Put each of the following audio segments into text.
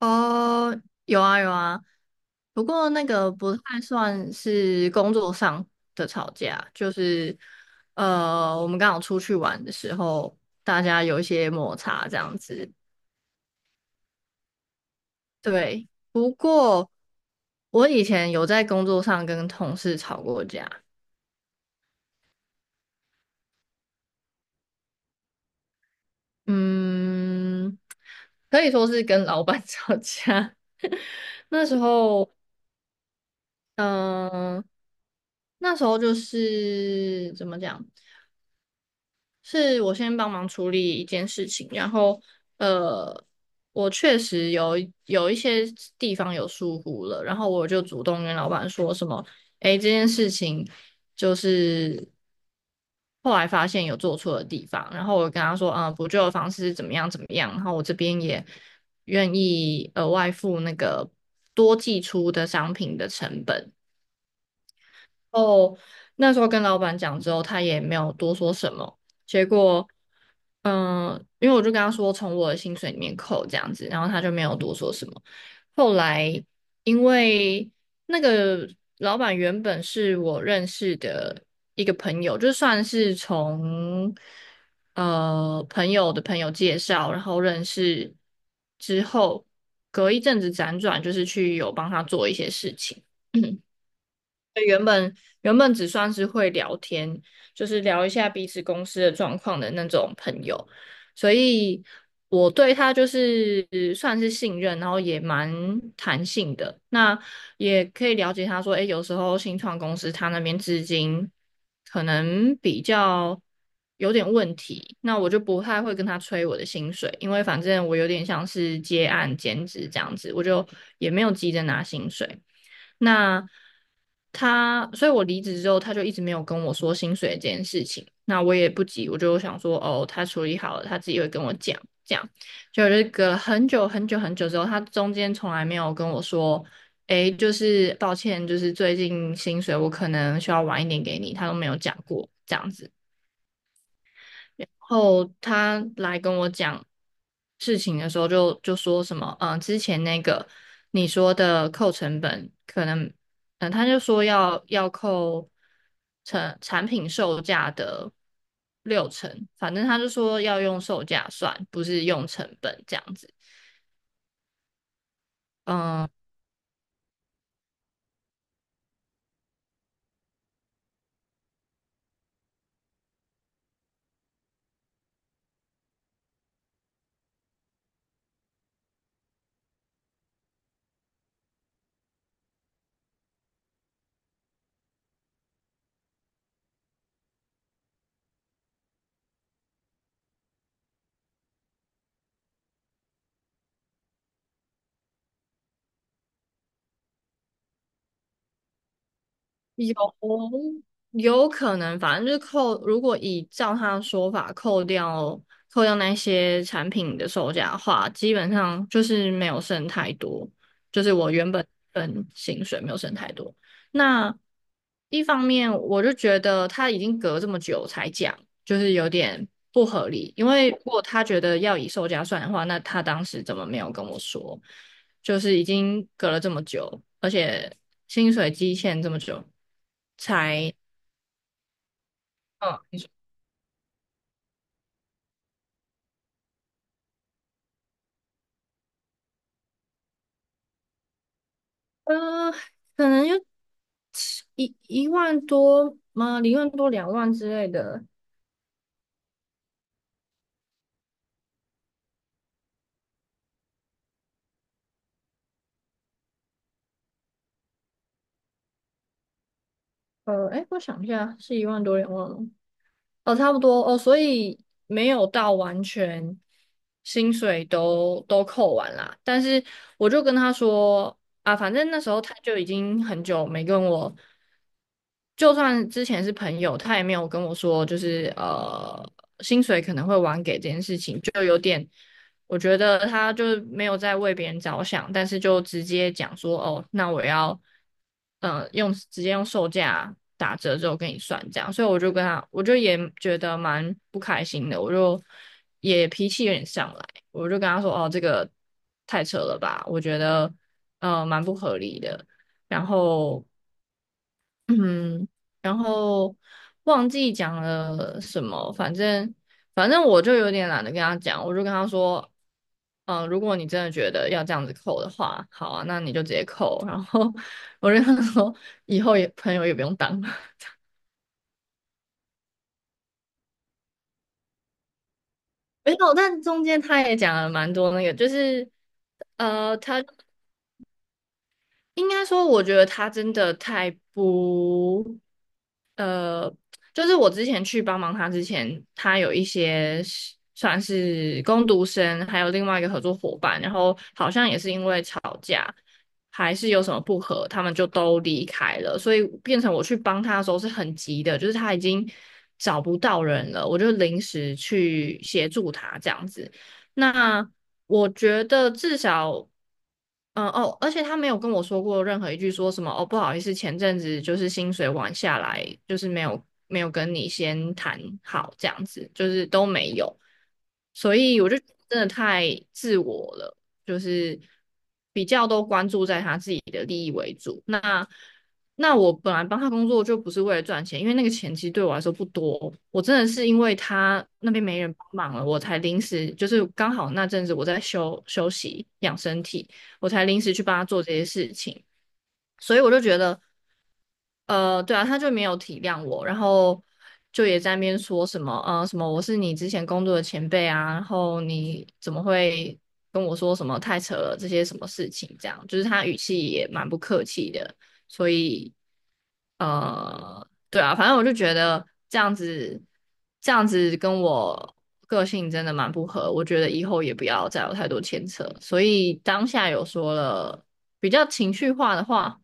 哦，有啊有啊，不过那个不太算是工作上的吵架，就是我们刚好出去玩的时候，大家有一些摩擦这样子。对，不过我以前有在工作上跟同事吵过架。嗯，可以说是跟老板 吵架。那时候，嗯、那时候就是怎么讲？是我先帮忙处理一件事情，然后呃，我确实有一些地方有疏忽了，然后我就主动跟老板说什么，诶，这件事情就是后来发现有做错的地方，然后我跟他说，嗯、补救的方式是怎么样怎么样，然后我这边也愿意额外付那个多寄出的商品的成本。后那时候跟老板讲之后，他也没有多说什么。结果，嗯，因为我就跟他说从我的薪水里面扣这样子，然后他就没有多说什么。后来因为那个老板原本是我认识的一个朋友，就算是从朋友的朋友介绍，然后认识之后，隔一阵子辗转，就是去有帮他做一些事情。原本原本只算是会聊天，就是聊一下彼此公司的状况的那种朋友，所以我对他就是算是信任，然后也蛮弹性的。那也可以了解他说，诶，有时候新创公司他那边资金可能比较有点问题，那我就不太会跟他催我的薪水，因为反正我有点像是接案兼职这样子，我就也没有急着拿薪水。那他，所以我离职之后，他就一直没有跟我说薪水这件事情。那我也不急，我就想说，哦，他处理好了，他自己会跟我讲。这样，就是隔了很久很久很久之后，他中间从来没有跟我说，诶，就是抱歉，就是最近薪水我可能需要晚一点给你，他都没有讲过这样子。后他来跟我讲事情的时候就，就说什么，嗯、之前那个你说的扣成本，可能，嗯、他就说要扣成产品售价的六成，反正他就说要用售价算，不是用成本这样子。嗯、有有可能，反正就是扣，如果以照他的说法扣掉那些产品的售价的话，基本上就是没有剩太多，就是我原本本薪水没有剩太多。那一方面，我就觉得他已经隔这么久才讲，就是有点不合理，因为如果他觉得要以售价算的话，那他当时怎么没有跟我说？就是已经隔了这么久，而且薪水期限这么久，才嗯，你说呃，可能就一万多吗？一万多两万之类的。哎，我想一下，是一万多两万吗？哦，差不多哦，所以没有到完全薪水都扣完啦。但是我就跟他说啊，反正那时候他就已经很久没跟我，就算之前是朋友，他也没有跟我说，就是薪水可能会晚给这件事情，就有点。我觉得他就是没有在为别人着想，但是就直接讲说，哦，那我要，嗯，直接用售价打折之后跟你算这样，所以我就跟他，我就也觉得蛮不开心的，我就也脾气有点上来，我就跟他说，哦，这个太扯了吧，我觉得蛮不合理的，然后嗯，然后忘记讲了什么，反正我就有点懒得跟他讲，我就跟他说，嗯，如果你真的觉得要这样子扣的话，好啊，那你就直接扣。然后我就跟他说，以后也朋友也不用当了。没有，但中间他也讲了蛮多那个，就是他应该说，我觉得他真的太不。呃，就是我之前去帮忙他之前，他有一些是算是工读生，还有另外一个合作伙伴，然后好像也是因为吵架，还是有什么不和，他们就都离开了，所以变成我去帮他的时候是很急的，就是他已经找不到人了，我就临时去协助他这样子。那我觉得至少。嗯哦，而且他没有跟我说过任何一句说什么哦，不好意思，前阵子就是薪水晚下来，就是没有跟你先谈好这样子，就是都没有，所以我就觉得真的太自我了，就是比较都关注在他自己的利益为主。那我本来帮他工作就不是为了赚钱，因为那个钱其实对我来说不多，我真的是因为他那边没人帮忙了，我才临时就是刚好那阵子我在休息养身体。我才临时去帮他做这些事情。所以我就觉得对啊，他就没有体谅我，然后就也在那边说什么，什么我是你之前工作的前辈啊，然后你怎么会跟我说什么太扯了这些什么事情，这样就是他语气也蛮不客气的，所以对啊，反正我就觉得这样子跟我个性真的蛮不合，我觉得以后也不要再有太多牵扯，所以当下有说了比较情绪化的话。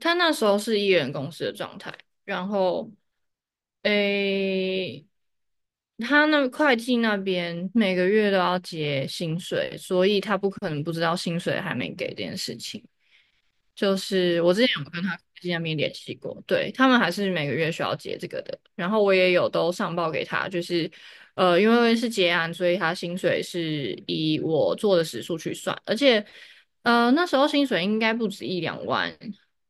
他那时候是艺人公司的状态，然后诶，他那会计那边每个月都要结薪水，所以他不可能不知道薪水还没给这件事情。就是我之前有跟他科技那边联系过，对，他们还是每个月需要结这个的，然后我也有都上报给他，因为是结案，所以他薪水是以我做的时数去算，而且那时候薪水应该不止一两万，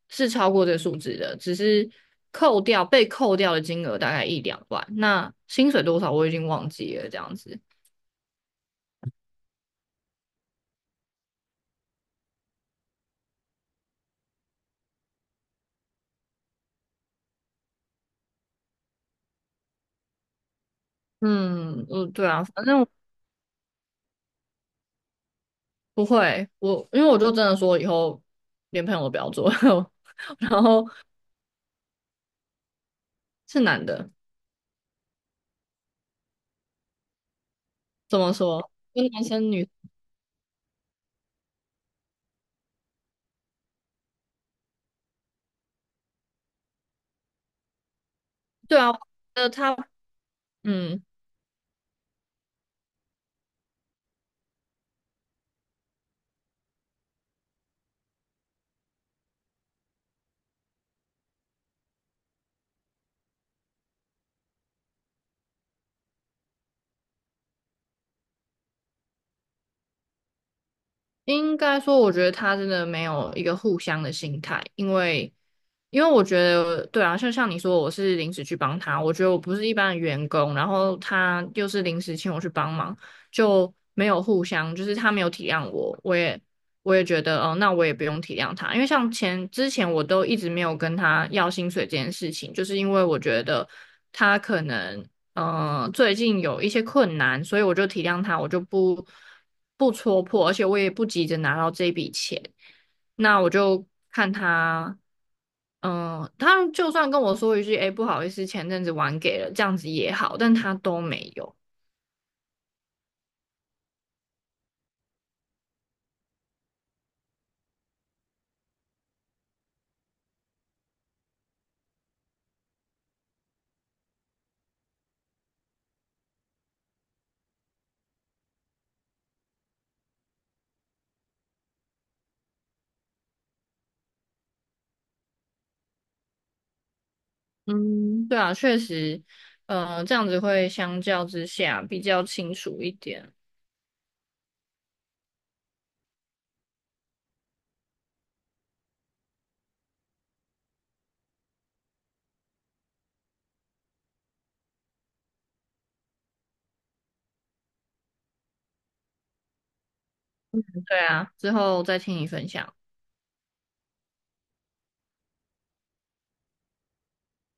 是超过这个数字的，只是扣掉被扣掉的金额大概一两万，那薪水多少我已经忘记了，这样子。嗯，嗯，对啊，反正。不会，因为我就真的说以后连朋友都不要做，然后是男的。怎么说？跟男生女，对啊，他嗯。应该说，我觉得他真的没有一个互相的心态，因为我觉得，对啊，就像你说，我是临时去帮他，我觉得我不是一般的员工，然后他又是临时请我去帮忙，就没有互相，就是他没有体谅我，我也觉得，哦，那我也不用体谅他，因为像之前我都一直没有跟他要薪水这件事情，就是因为我觉得他可能嗯、最近有一些困难，所以我就体谅他，我就不不戳破，而且我也不急着拿到这笔钱。那我就看他，嗯、他就算跟我说一句，哎、不好意思，前阵子晚给了，这样子也好，但他都没有。嗯，对啊，确实，这样子会相较之下比较清楚一点。对啊，之后再听你分享。